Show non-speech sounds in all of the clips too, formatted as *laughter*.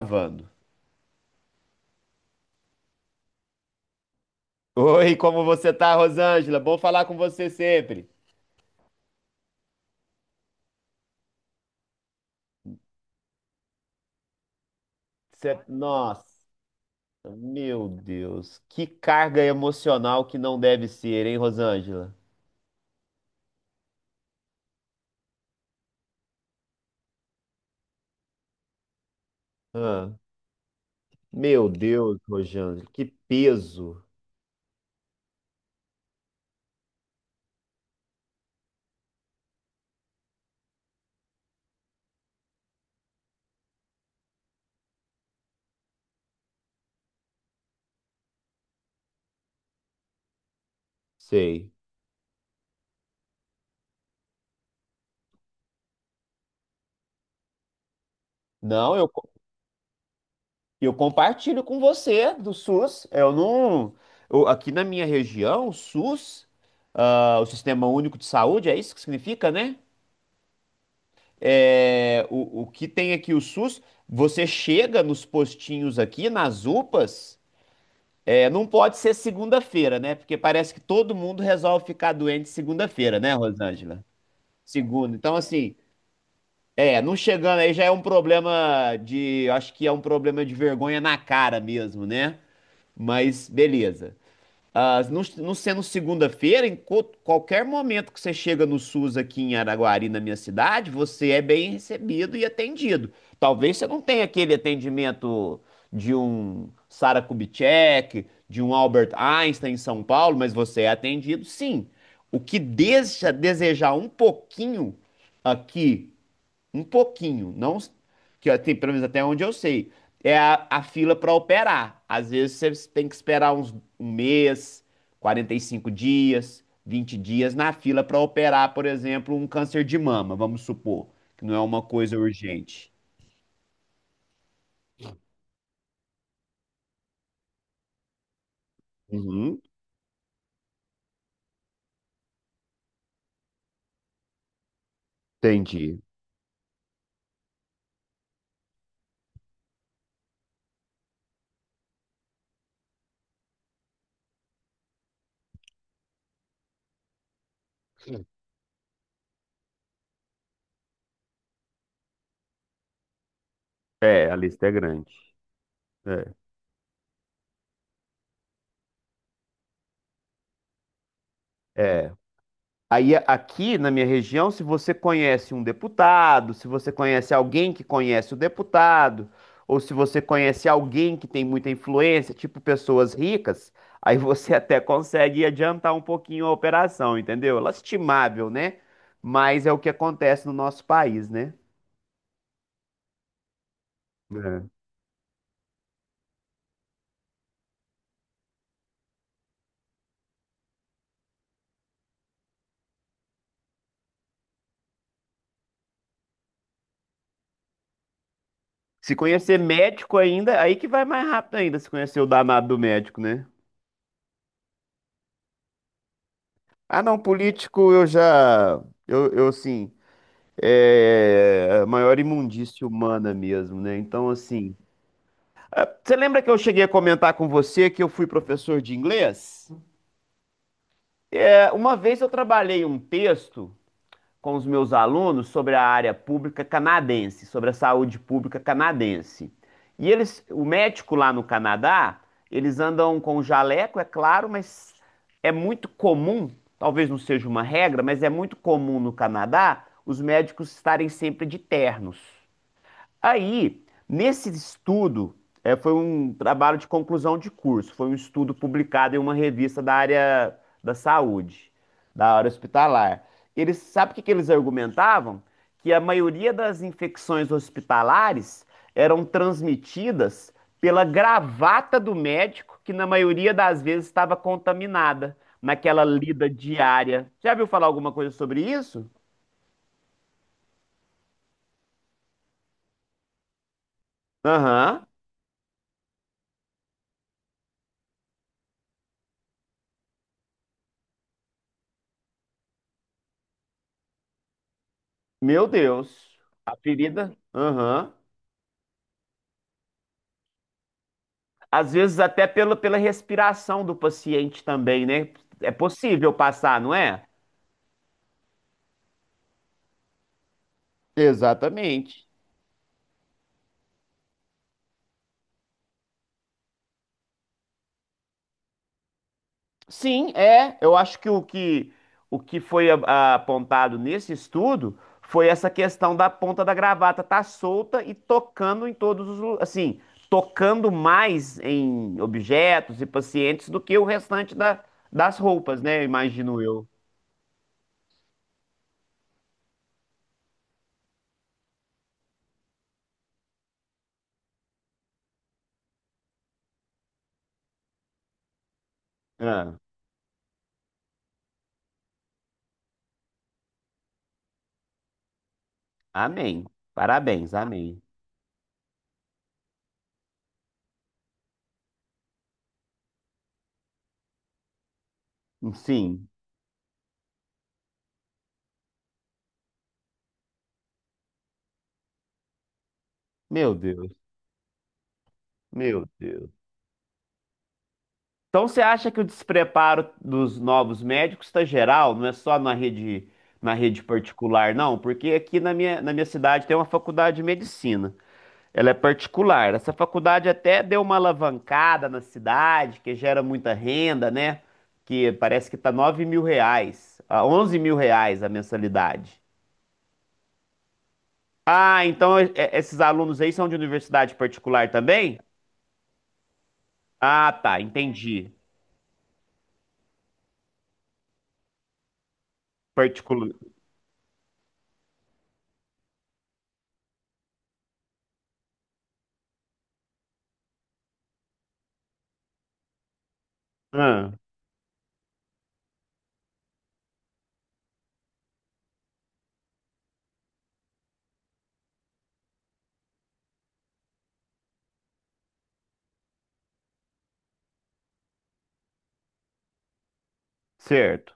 Gravando. Oi, como você tá, Rosângela? Bom falar com você sempre. Nossa, meu Deus, que carga emocional que não deve ser, hein, Rosângela? Ah, meu Deus, Rosângela, que peso. Sei. Não, eu, co- Eu compartilho com você do SUS. Eu não. Aqui na minha região, o SUS, ah, o Sistema Único de Saúde, é isso que significa, né? O que tem aqui o SUS, você chega nos postinhos aqui, nas UPAs, é, não pode ser segunda-feira, né? Porque parece que todo mundo resolve ficar doente segunda-feira, né, Rosângela? Segunda. Então, assim, é, não chegando aí já é um problema de, acho que é um problema de vergonha na cara mesmo, né? Mas beleza. Ah, não, não sendo segunda-feira, qualquer momento que você chega no SUS aqui em Araguari, na minha cidade, você é bem recebido e atendido. Talvez você não tenha aquele atendimento de um Sara Kubitschek, de um Albert Einstein em São Paulo, mas você é atendido sim. O que deixa a desejar um pouquinho aqui um pouquinho, não tem pelo menos até onde eu sei. É a fila para operar. Às vezes você tem que esperar uns um mês, 45 dias, 20 dias na fila para operar, por exemplo, um câncer de mama, vamos supor, que não é uma coisa urgente. Uhum, entendi. É, a lista é grande. É. Aqui na minha região, se você conhece um deputado, se você conhece alguém que conhece o deputado, ou se você conhece alguém que tem muita influência, tipo pessoas ricas, aí você *laughs* até consegue adiantar um pouquinho a operação, entendeu? Lastimável, né? Mas é o que acontece no nosso país, né? É. Se conhecer médico ainda, aí que vai mais rápido ainda, se conhecer o danado do médico, né? Ah, não, político eu já. Eu sim. É, a maior imundície humana mesmo, né? Então, assim. Você lembra que eu cheguei a comentar com você que eu fui professor de inglês? É, uma vez eu trabalhei um texto com os meus alunos sobre a área pública canadense, sobre a saúde pública canadense. E eles, o médico lá no Canadá, eles andam com jaleco, é claro, mas é muito comum, talvez não seja uma regra, mas é muito comum no Canadá os médicos estarem sempre de ternos. Aí, nesse estudo, é, foi um trabalho de conclusão de curso, foi um estudo publicado em uma revista da área da saúde, da área hospitalar. Eles, sabe o que que eles argumentavam? Que a maioria das infecções hospitalares eram transmitidas pela gravata do médico, que na maioria das vezes estava contaminada, naquela lida diária. Já viu falar alguma coisa sobre isso? Aham. Meu Deus. A ferida? Aham. Às vezes até pela respiração do paciente também, né? É possível passar, não é? Exatamente. Sim, é. Eu acho que o que foi apontado nesse estudo foi essa questão da ponta da gravata estar solta e tocando em todos os, assim, tocando mais em objetos e pacientes do que o restante das roupas, né? Imagino eu. Ah, amém. Parabéns, amém. Sim. Meu Deus, meu Deus. Então você acha que o despreparo dos novos médicos está geral, não é só na rede particular, não? Porque aqui na na minha cidade tem uma faculdade de medicina. Ela é particular. Essa faculdade até deu uma alavancada na cidade, que gera muita renda, né? Que parece que tá 9.000 reais, ah, 11.000 reais a mensalidade. Ah, então esses alunos aí são de universidade particular também? Ah, tá, entendi. Particular. Ah, certo.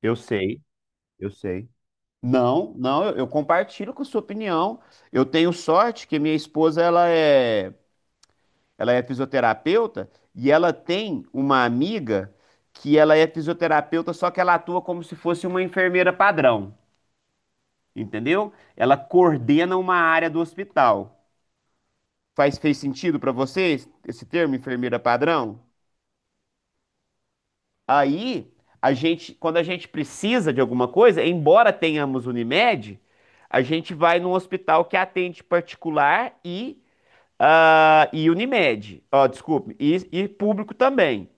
Eu sei. Eu sei. Não, não, eu compartilho com sua opinião. Eu tenho sorte que minha esposa ela é fisioterapeuta e ela tem uma amiga que ela é fisioterapeuta, só que ela atua como se fosse uma enfermeira padrão, entendeu? Ela coordena uma área do hospital. Fez sentido para você esse termo, enfermeira padrão? Aí, quando a gente precisa de alguma coisa, embora tenhamos Unimed, a gente vai num hospital que atende particular e, ah, e Unimed. Ó, desculpe, e público também.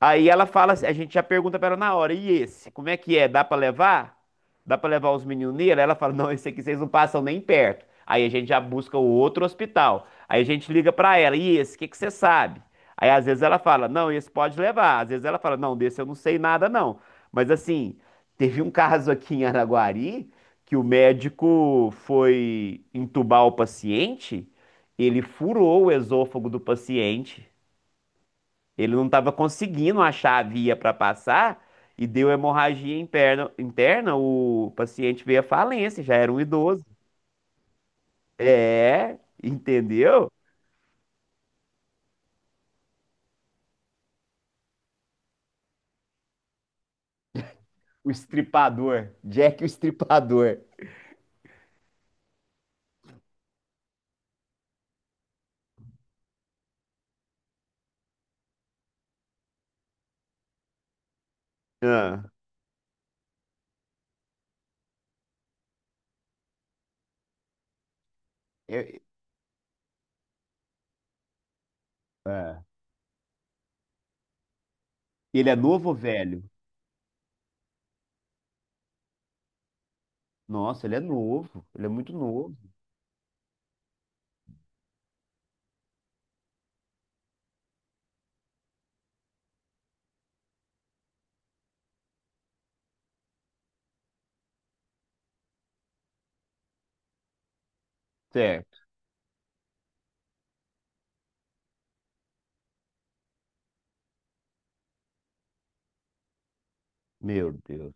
Aí ela fala, a gente já pergunta pra ela na hora, e esse, como é que é? Dá pra levar? Dá pra levar os meninos nele? Ela fala, não, esse aqui vocês não passam nem perto. Aí a gente já busca o outro hospital. Aí a gente liga pra ela, e esse, o que que você sabe? Aí às vezes ela fala, não, esse pode levar. Às vezes ela fala, não, desse eu não sei nada não. Mas assim, teve um *laughs* caso aqui em Araguari que o médico foi entubar o paciente, ele furou o esôfago do paciente. Ele não estava conseguindo achar a via para passar e deu hemorragia interna, interna, o paciente veio à falência, já era um idoso. É, entendeu? O estripador. Jack o estripador. Ah, Eu- é. Ele é novo ou velho? Nossa, ele é novo. Ele é muito novo. Certo. Meu Deus.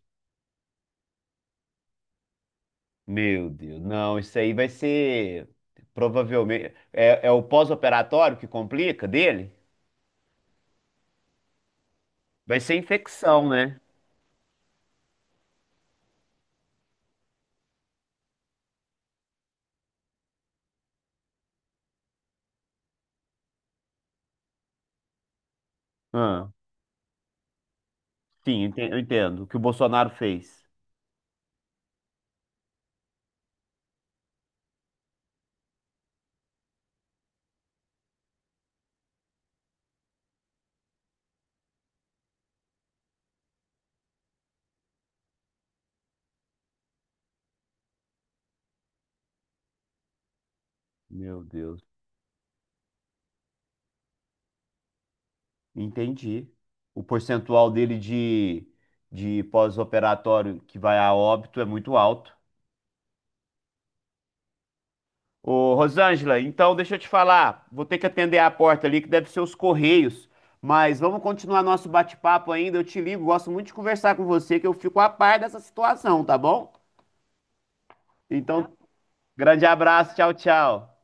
Meu Deus. Não, isso aí vai ser provavelmente. É, é o pós-operatório que complica dele? Vai ser infecção, né? Ah. Sim, eu entendo. O que o Bolsonaro fez. Meu Deus. Entendi. O percentual dele de pós-operatório que vai a óbito é muito alto. Ô, Rosângela, então deixa eu te falar. Vou ter que atender a porta ali, que deve ser os Correios. Mas vamos continuar nosso bate-papo ainda. Eu te ligo. Gosto muito de conversar com você, que eu fico a par dessa situação, tá bom? Então, grande abraço. Tchau, tchau.